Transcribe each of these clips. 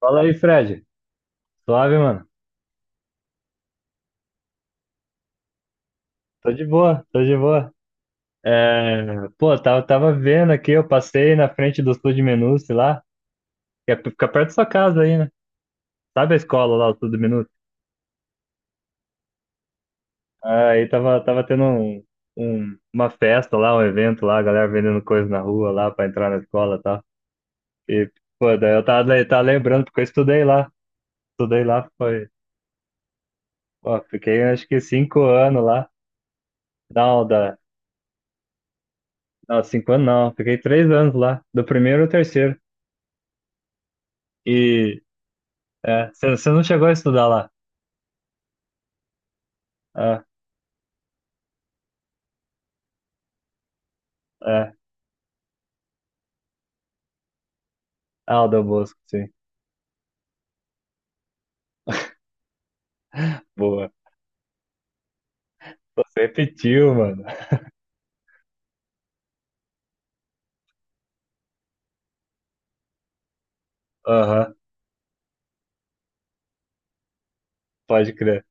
Fala aí, Fred. Suave, mano. Tô de boa, tô de boa. É, pô, tava vendo aqui, eu passei na frente do Sul de Menuce lá, que é, fica perto da sua casa aí, né? Sabe a escola lá, o Sul de Menuce? Aí tava tendo uma festa lá, um evento lá, a galera vendendo coisa na rua lá pra entrar na escola e tal. E, pô, daí eu tava lembrando, porque eu estudei lá. Estudei lá, foi. Ó, fiquei acho que 5 anos lá. Não, não, 5 anos não. Fiquei 3 anos lá, do primeiro ao terceiro. e É, você não chegou a estudar lá. É, é. Ah, o Dom Bosco, sim. Boa. Você repetiu, mano. Aham, pode crer.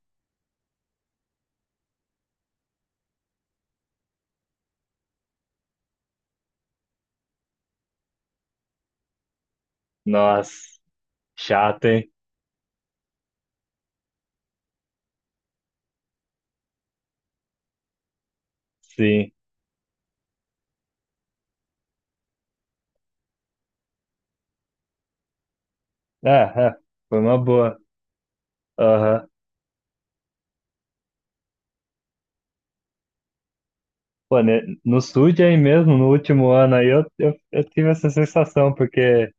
Nossa, chato, hein? Sim. É, é, foi uma boa. Aham. Pô, né, no SUD aí mesmo, no último ano aí, eu tive essa sensação, porque,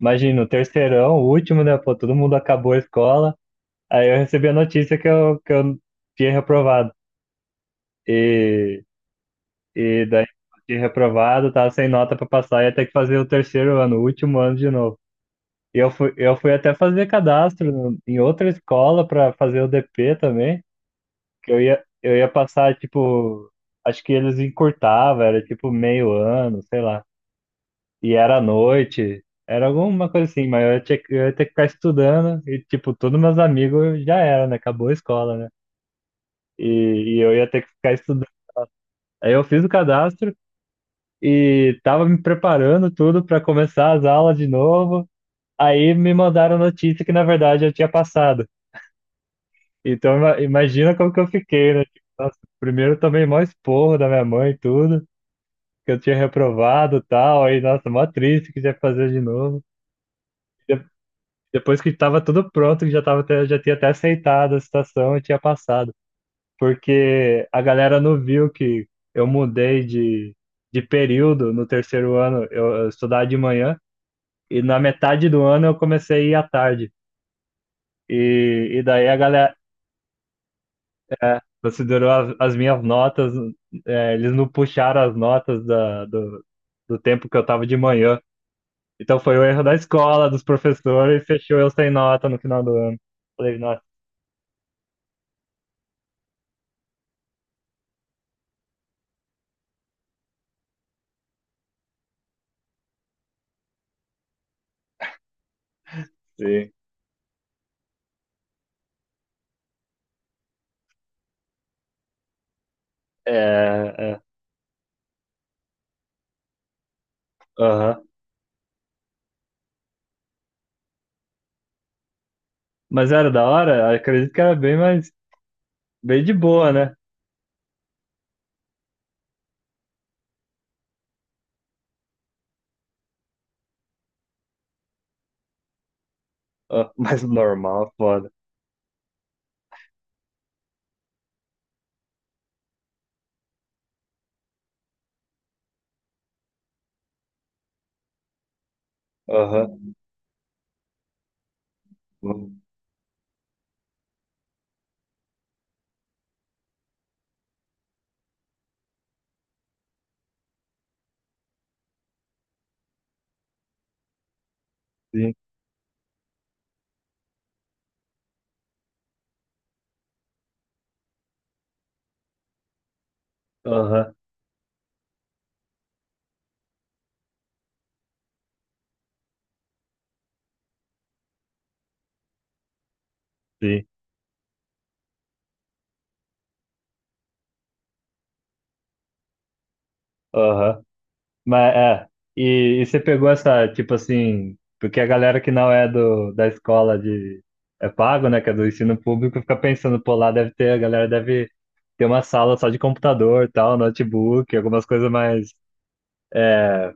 imagina, o terceirão, o último, né? Pô, todo mundo acabou a escola. Aí eu recebi a notícia que eu tinha reprovado. E E daí fiquei reprovado, tava sem nota pra passar, ia ter que fazer o terceiro ano, o último ano de novo. E eu fui até fazer cadastro em outra escola pra fazer o DP também, que eu ia passar, tipo, acho que eles encurtavam, era tipo meio ano, sei lá. E era à noite, era alguma coisa assim, mas eu ia ter que ficar estudando e, tipo, todos meus amigos já era, né? Acabou a escola, né? E eu ia ter que ficar estudando. Aí eu fiz o cadastro. E tava me preparando tudo para começar as aulas de novo. Aí me mandaram notícia que na verdade eu tinha passado. Então imagina como que eu fiquei, né? Tipo, nossa, primeiro eu tomei mó esporro da minha mãe e tudo, que eu tinha reprovado e tal. Aí, nossa, mó triste que tinha que fazer de novo. De- Depois que tava tudo pronto, que já já tinha até aceitado a situação e tinha passado. Porque a galera não viu que eu mudei de período no terceiro ano. Eu estudava de manhã. E na metade do ano eu comecei a ir à tarde. E daí a galera é, considerou as minhas notas, é, eles não puxaram as notas do tempo que eu tava de manhã. Então foi o erro da escola, dos professores, e fechou eu sem nota no final do ano. Falei, nossa, sim. É, é, aham. Mas era da hora? Acredito que era bem mais, bem de boa, né? Ah, mas normal, foda. Aham, sim, aham, sim, aham. Mas é, e você pegou essa, tipo assim, porque a galera que não é da escola de, é pago, né, que é do ensino público, fica pensando, pô, lá deve ter, a galera deve ter uma sala só de computador, tal, notebook, algumas coisas mais,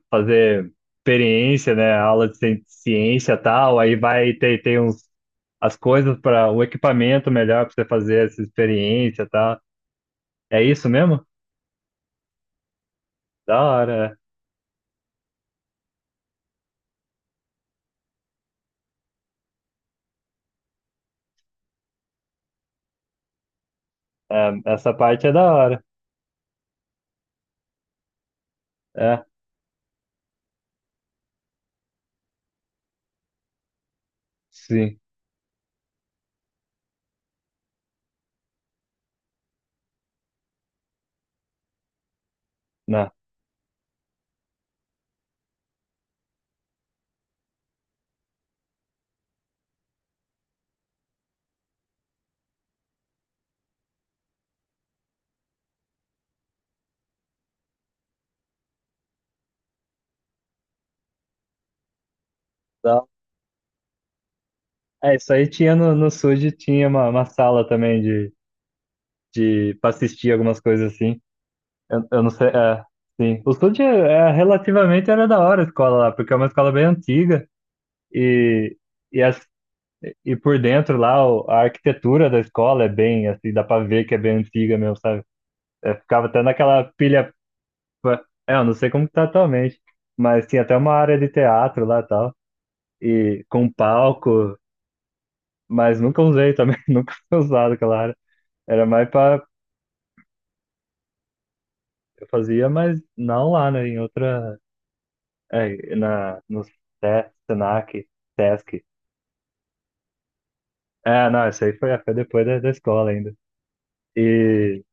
fazer experiência, né, aula de ciência, tal, aí vai ter, tem uns, as coisas para, o equipamento melhor para você fazer essa experiência, tal. É isso mesmo? Da hora, é. É, essa parte é da hora, é, sim, né. É, isso aí tinha no SUD, tinha uma sala também de para assistir algumas coisas assim. Eu não sei, é, sim. O SUD é, relativamente era da hora a escola lá, porque é uma escola bem antiga e, e, as, e por dentro lá a arquitetura da escola é bem, assim, dá para ver que é bem antiga mesmo, sabe? É, ficava até naquela pilha, é, eu não sei como que tá atualmente, mas tinha até uma área de teatro lá e tal, e com palco, mas nunca usei também, nunca foi usado aquela área. Era mais para. Eu fazia, mas não lá, né? Em outra. É, na, no Senac, Sesc. É, não, isso aí foi depois da escola ainda. E,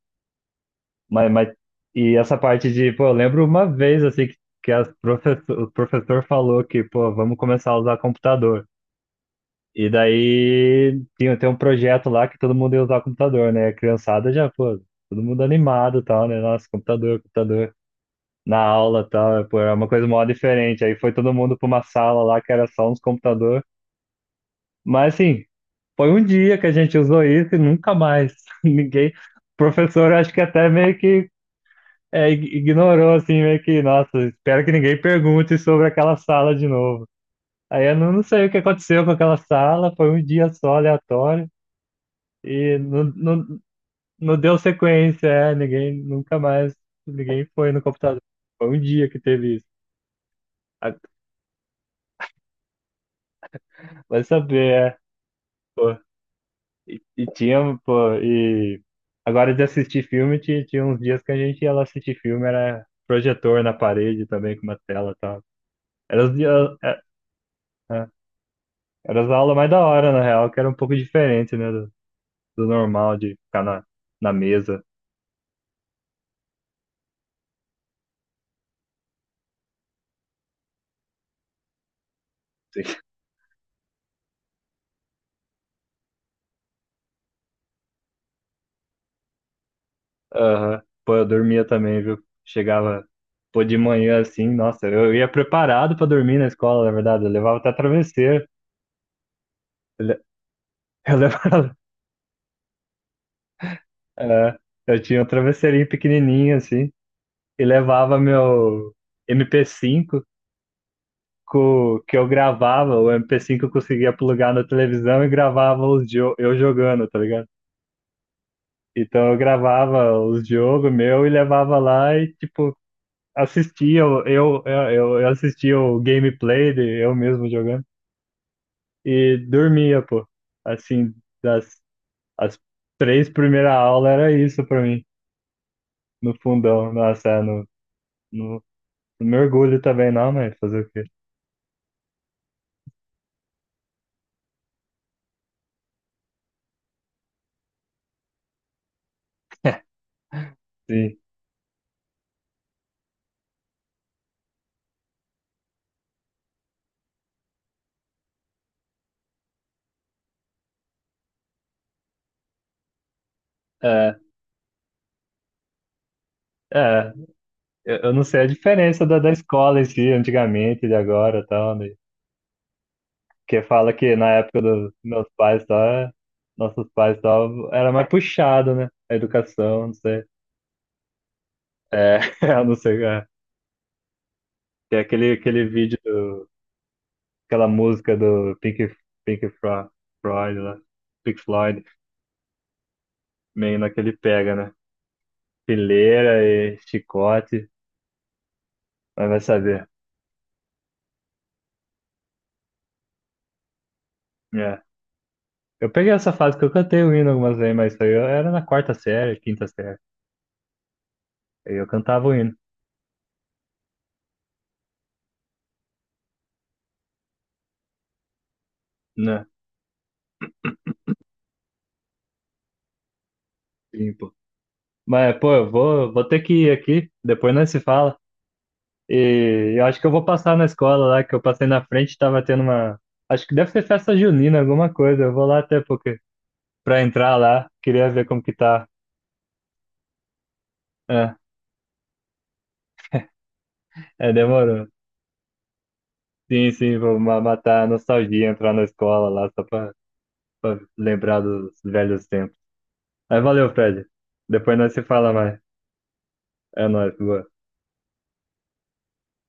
mas, e essa parte de, pô, eu lembro uma vez, assim, o professor falou que, pô, vamos começar a usar computador. E daí tinha, tem um projeto lá que todo mundo ia usar computador, né? A criançada já, pô, todo mundo animado e tal, né? Nossa, computador, computador. Na aula e tal, é, pô, era uma coisa mó diferente. Aí foi todo mundo para uma sala lá que era só uns computador. Mas assim, foi um dia que a gente usou isso e nunca mais. Ninguém. O professor eu acho que até meio que é, ignorou, assim, meio que, nossa, espero que ninguém pergunte sobre aquela sala de novo. Aí eu não sei o que aconteceu com aquela sala, foi um dia só aleatório e não deu sequência, é, ninguém, nunca mais, ninguém foi no computador. Foi um dia que teve isso. Ah, vai saber, é. E tinha, pô, e agora de assistir filme, tinha uns dias que a gente ia lá assistir filme, era projetor na parede também, com uma tela e tal. Era os dias, é, é, era as aulas mais da hora, na real, que era um pouco diferente, né, do normal, de ficar na mesa. Assim. Aham. Pô, eu dormia também, viu? Chegava, pô, de manhã assim, nossa, eu ia preparado pra dormir na escola, na verdade, eu levava até travesseiro. Eu, le- eu levava, é, eu tinha um travesseirinho pequenininho, assim. E levava meu MP5 que eu gravava, o MP5 eu conseguia plugar na televisão e gravava os eu jogando, tá ligado? Então eu gravava os jogos meu e levava lá e tipo assistia, eu assistia o gameplay de eu mesmo jogando e dormia, pô. Assim, das as três primeiras aulas era isso pra mim, no fundão, nossa, é, no, não mergulho também não, mas fazer o quê? Sim. É, é. Eu não sei a diferença da escola em si, antigamente, de agora e tal, né? Porque fala que na época dos meus pais, tal, é- nossos pais, tal, era mais puxado, né? A educação, não sei. É, eu não sei. É. Tem aquele vídeo, aquela música do Pink Floyd, lá, Pink Floyd, meio naquele pega, né? Fileira e chicote, mas vai saber. É. Eu peguei essa fase que eu cantei o hino algumas vezes, mas isso aí eu era na quarta série, quinta série. Aí eu cantava o hino. Né? Sim, pô. Mas, pô, eu vou ter que ir aqui, depois nós se fala. E eu acho que eu vou passar na escola lá, que eu passei na frente, tava tendo uma. Acho que deve ser festa junina, alguma coisa. Eu vou lá até porque pra entrar lá, queria ver como que tá. É, é, demorou. Sim, sim, vou matar a nostalgia, entrar na escola lá, só pra lembrar dos velhos tempos. Mas valeu, Fred. Depois nós se fala mais. É nóis, boa.